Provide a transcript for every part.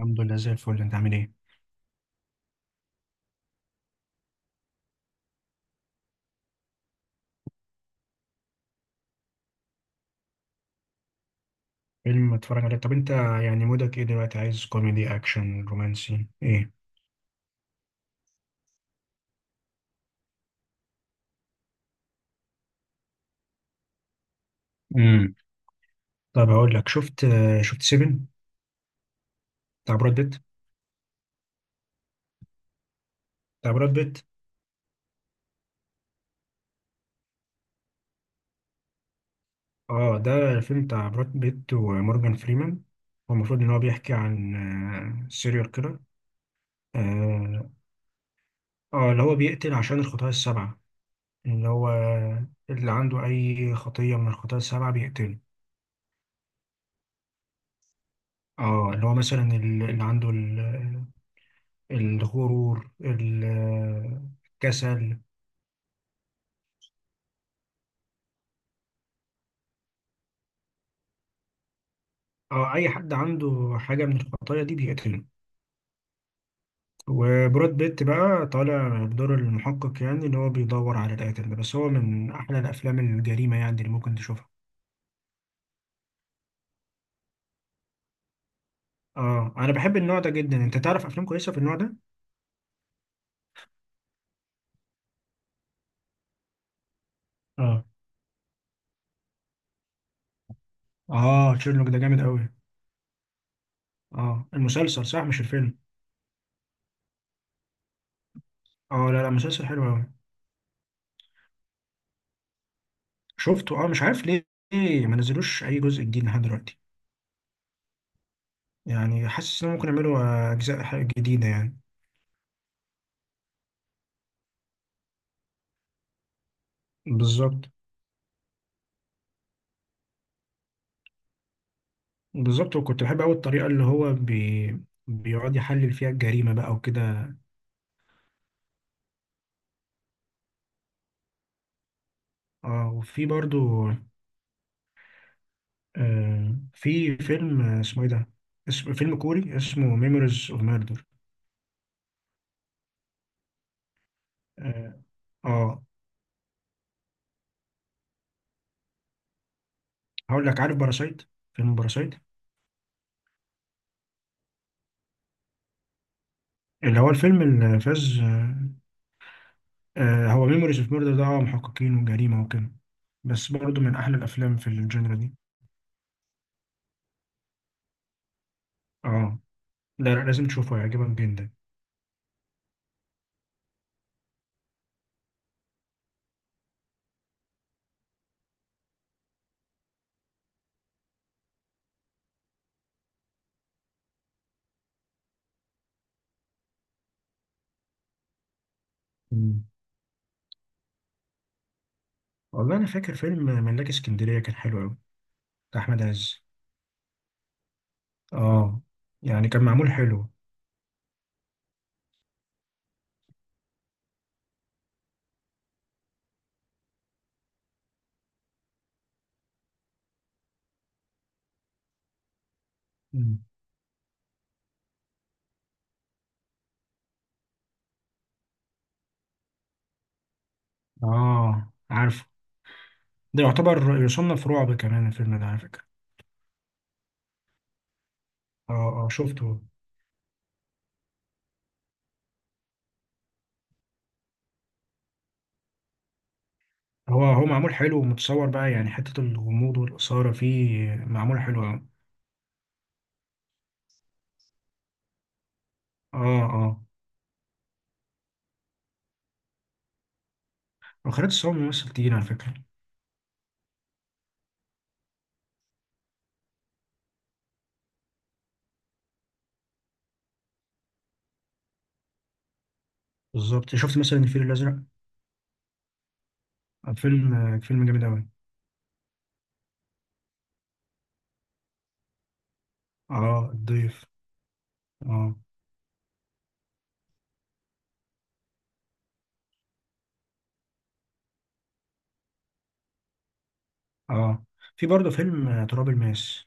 الحمد لله زي الفل، انت عامل ايه؟ فيلم اتفرج عليه؟ طب انت يعني مودك ايه دلوقتي، عايز كوميدي اكشن رومانسي ايه؟ امم طب هقول لك، شفت سيفن، بتاع براد بيت؟ بتاع براد بيت. اه، ده الفيلم بتاع براد بيت ومورجان فريمان. هو المفروض ان هو بيحكي عن سيريال كيلر. اه، اللي هو بيقتل عشان الخطايا السبعة، اللي هو اللي عنده اي خطية من الخطايا السبعة بيقتله. اه، اللي هو مثلا اللي عنده الغرور الكسل. أو أي حد عنده حاجة من الخطايا دي بيقتله. وبراد بيت بقى طالع بدور المحقق، يعني اللي هو بيدور على القاتل ده، بس هو من أحلى الأفلام الجريمة يعني اللي ممكن تشوفها. اه، أنا بحب النوع ده جدا. أنت تعرف أفلام كويسة في النوع ده؟ اه. اه، تشيرلوك ده جامد أوي. اه، المسلسل صح مش الفيلم. اه، لا لا، مسلسل حلو أوي. شفته. اه مش عارف ليه، ليه ما نزلوش أي جزء جديد لحد دلوقتي. يعني حاسس إنهم ممكن يعملوا أجزاء جديدة يعني. بالظبط. بالظبط، وكنت بحب قوي الطريقه اللي هو بيقعد يحلل فيها الجريمه بقى وكده. اه، وفي برضو في فيلم، اسمه ايه ده، اسم فيلم كوري اسمه ميموريز اوف ميردر. اه. آه، هقول لك، عارف باراسايت؟ فيلم باراسايت. اللي هو الفيلم اللي فاز آه. هو ميموريز اوف ميردر ده، محققين وجريمه وكده. بس برضو من احلى الافلام في الجنرا دي. اه. لا لا، لازم تشوفه هيعجبك جدا. مم. والله انا فاكر فيلم ملاك اسكندريه كان حلو قوي. احمد عز. اه، يعني كان معمول حلو. مم. اه عارفه. ده يعتبر يصنف رعب كمان الفيلم ده على فكره. اه. اه شفته. هو معمول حلو ومتصور بقى، يعني حته الغموض والاثاره فيه معمول حلو قوي. اه. اه، وخالد الصاوي ممثل تقيل على فكره. بالظبط. شفت مثلا الفيل الازرق؟ فيلم، فيلم جامد قوي. اه الضيف. اه. اه، في برضه فيلم تراب الماس.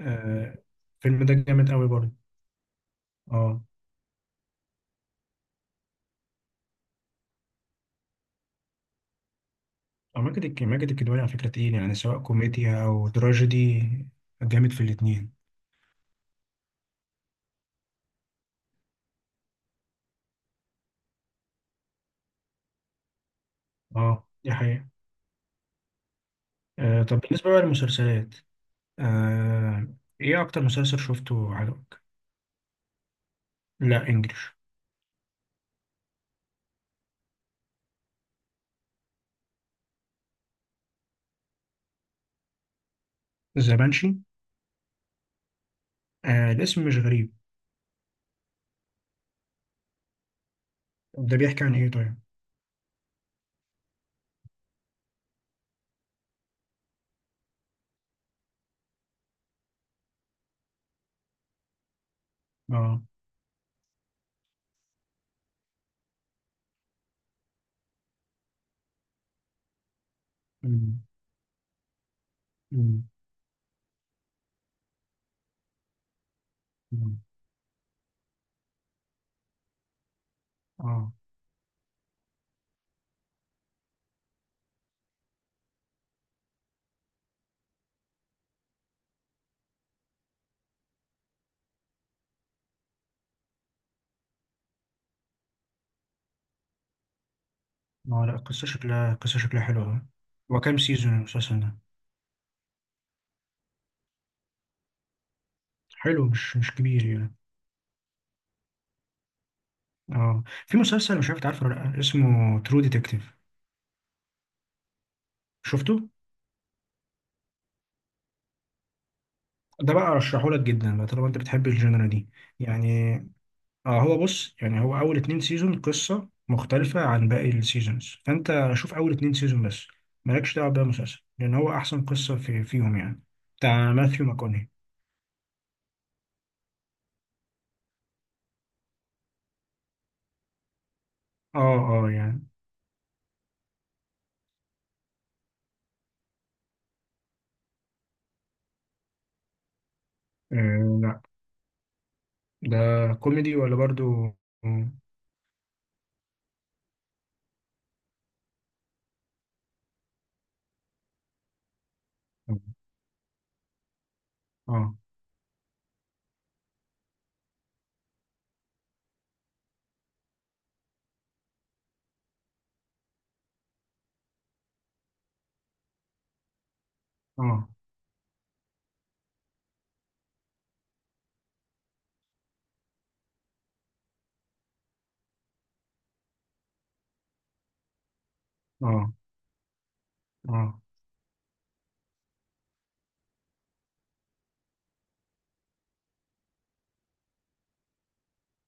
آه، الفيلم ده جامد قوي برضه. اه. أو ماجد الكدواني على فكرة تقيل، يعني سواء كوميديا أو تراجيدي، جامد في الاتنين. اه دي حقيقة. آه، طب بالنسبة بقى للمسلسلات، آه إيه أكتر مسلسل شفته عجبك؟ لا إنجلش. ذا بانشي. آه، الاسم مش غريب. ده بيحكي عن إيه طيب؟ اه. أمم، أمم، أمم. اه. اه لا، القصة شكلها، القصة شكلها حلوة أوي. هو كام سيزون المسلسل ده؟ حلو، مش كبير يعني. اه، في مسلسل مش عارف تعرفه ولا لأ، اسمه ترو ديتكتيف. شفته؟ ده بقى ارشحه لك جدا بقى طالما انت بتحب الجنرا دي. يعني اه. هو بص، يعني هو اول 2 سيزون قصه مختلفه عن باقي السيزونز، فانت شوف اول 2 سيزون بس. مالكش دعوه بقى مسلسل لان هو احسن قصه في فيهم يعني. بتاع ماثيو ماكوني. اه. اه يعني. لا. ده كوميدي ولا برضو. اه. اه. اه. اه. اه.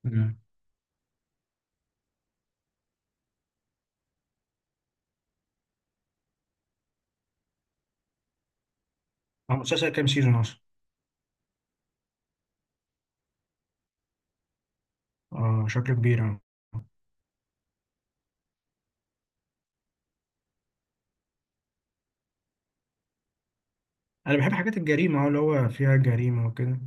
مم. هو مسلسل كام سيزون اصلا؟ اه شكله كبير اه. انا بحب حاجات الجريمه، اه اللي هو فيها جريمه وكده.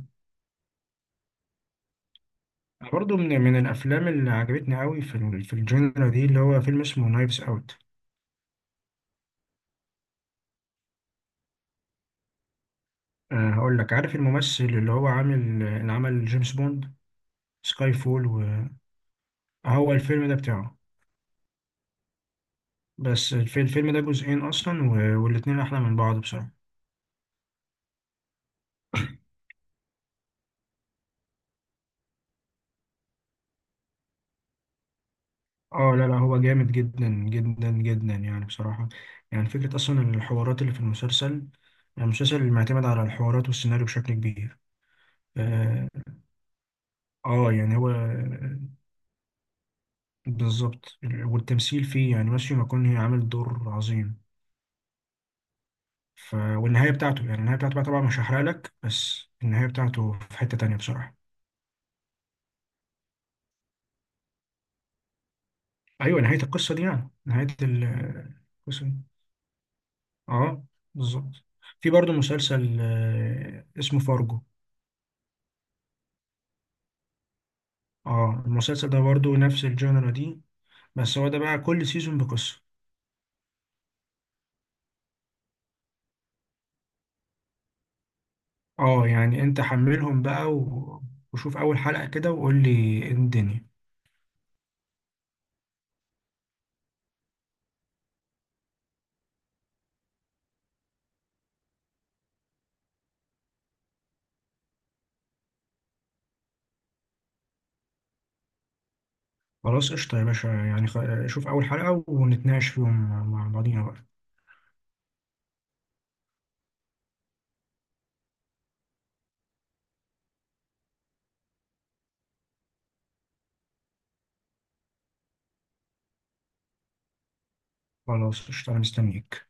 برضه من الافلام اللي عجبتني قوي في في الجنرا دي، اللي هو فيلم اسمه نايفز اوت. أه هقول لك، عارف الممثل اللي هو عامل اللي عمل جيمس بوند، سكاي فول؟ وهو الفيلم ده بتاعه. بس الفيلم ده جزئين اصلا، و- والاتنين احلى من بعض بصراحة. اه لا لا، هو جامد جدا جدا جدا يعني بصراحة. يعني فكرة اصلا الحوارات اللي في المسلسل، المسلسل اللي معتمد على الحوارات والسيناريو بشكل كبير. اه. يعني هو بالظبط. والتمثيل فيه يعني ماثيو ماكونهي عامل دور عظيم. والنهاية بتاعته، يعني النهاية بتاعته بقى طبعا مش هحرق لك، بس النهاية بتاعته في حتة تانية بصراحة. أيوة نهاية القصة دي، يعني نهاية القصة دي. اه بالظبط. في برضه مسلسل اسمه فارجو. اه المسلسل ده برضه نفس الجانرا دي، بس هو ده بقى كل سيزون بقصة. اه يعني انت حملهم بقى وشوف أول حلقة كده وقول لي إيه الدنيا. خلاص قشطة يا باشا، يعني شوف أول حلقة ونتناقش فيهم مع بعضينا بقى. خلاص قشطة أنا مستنيك.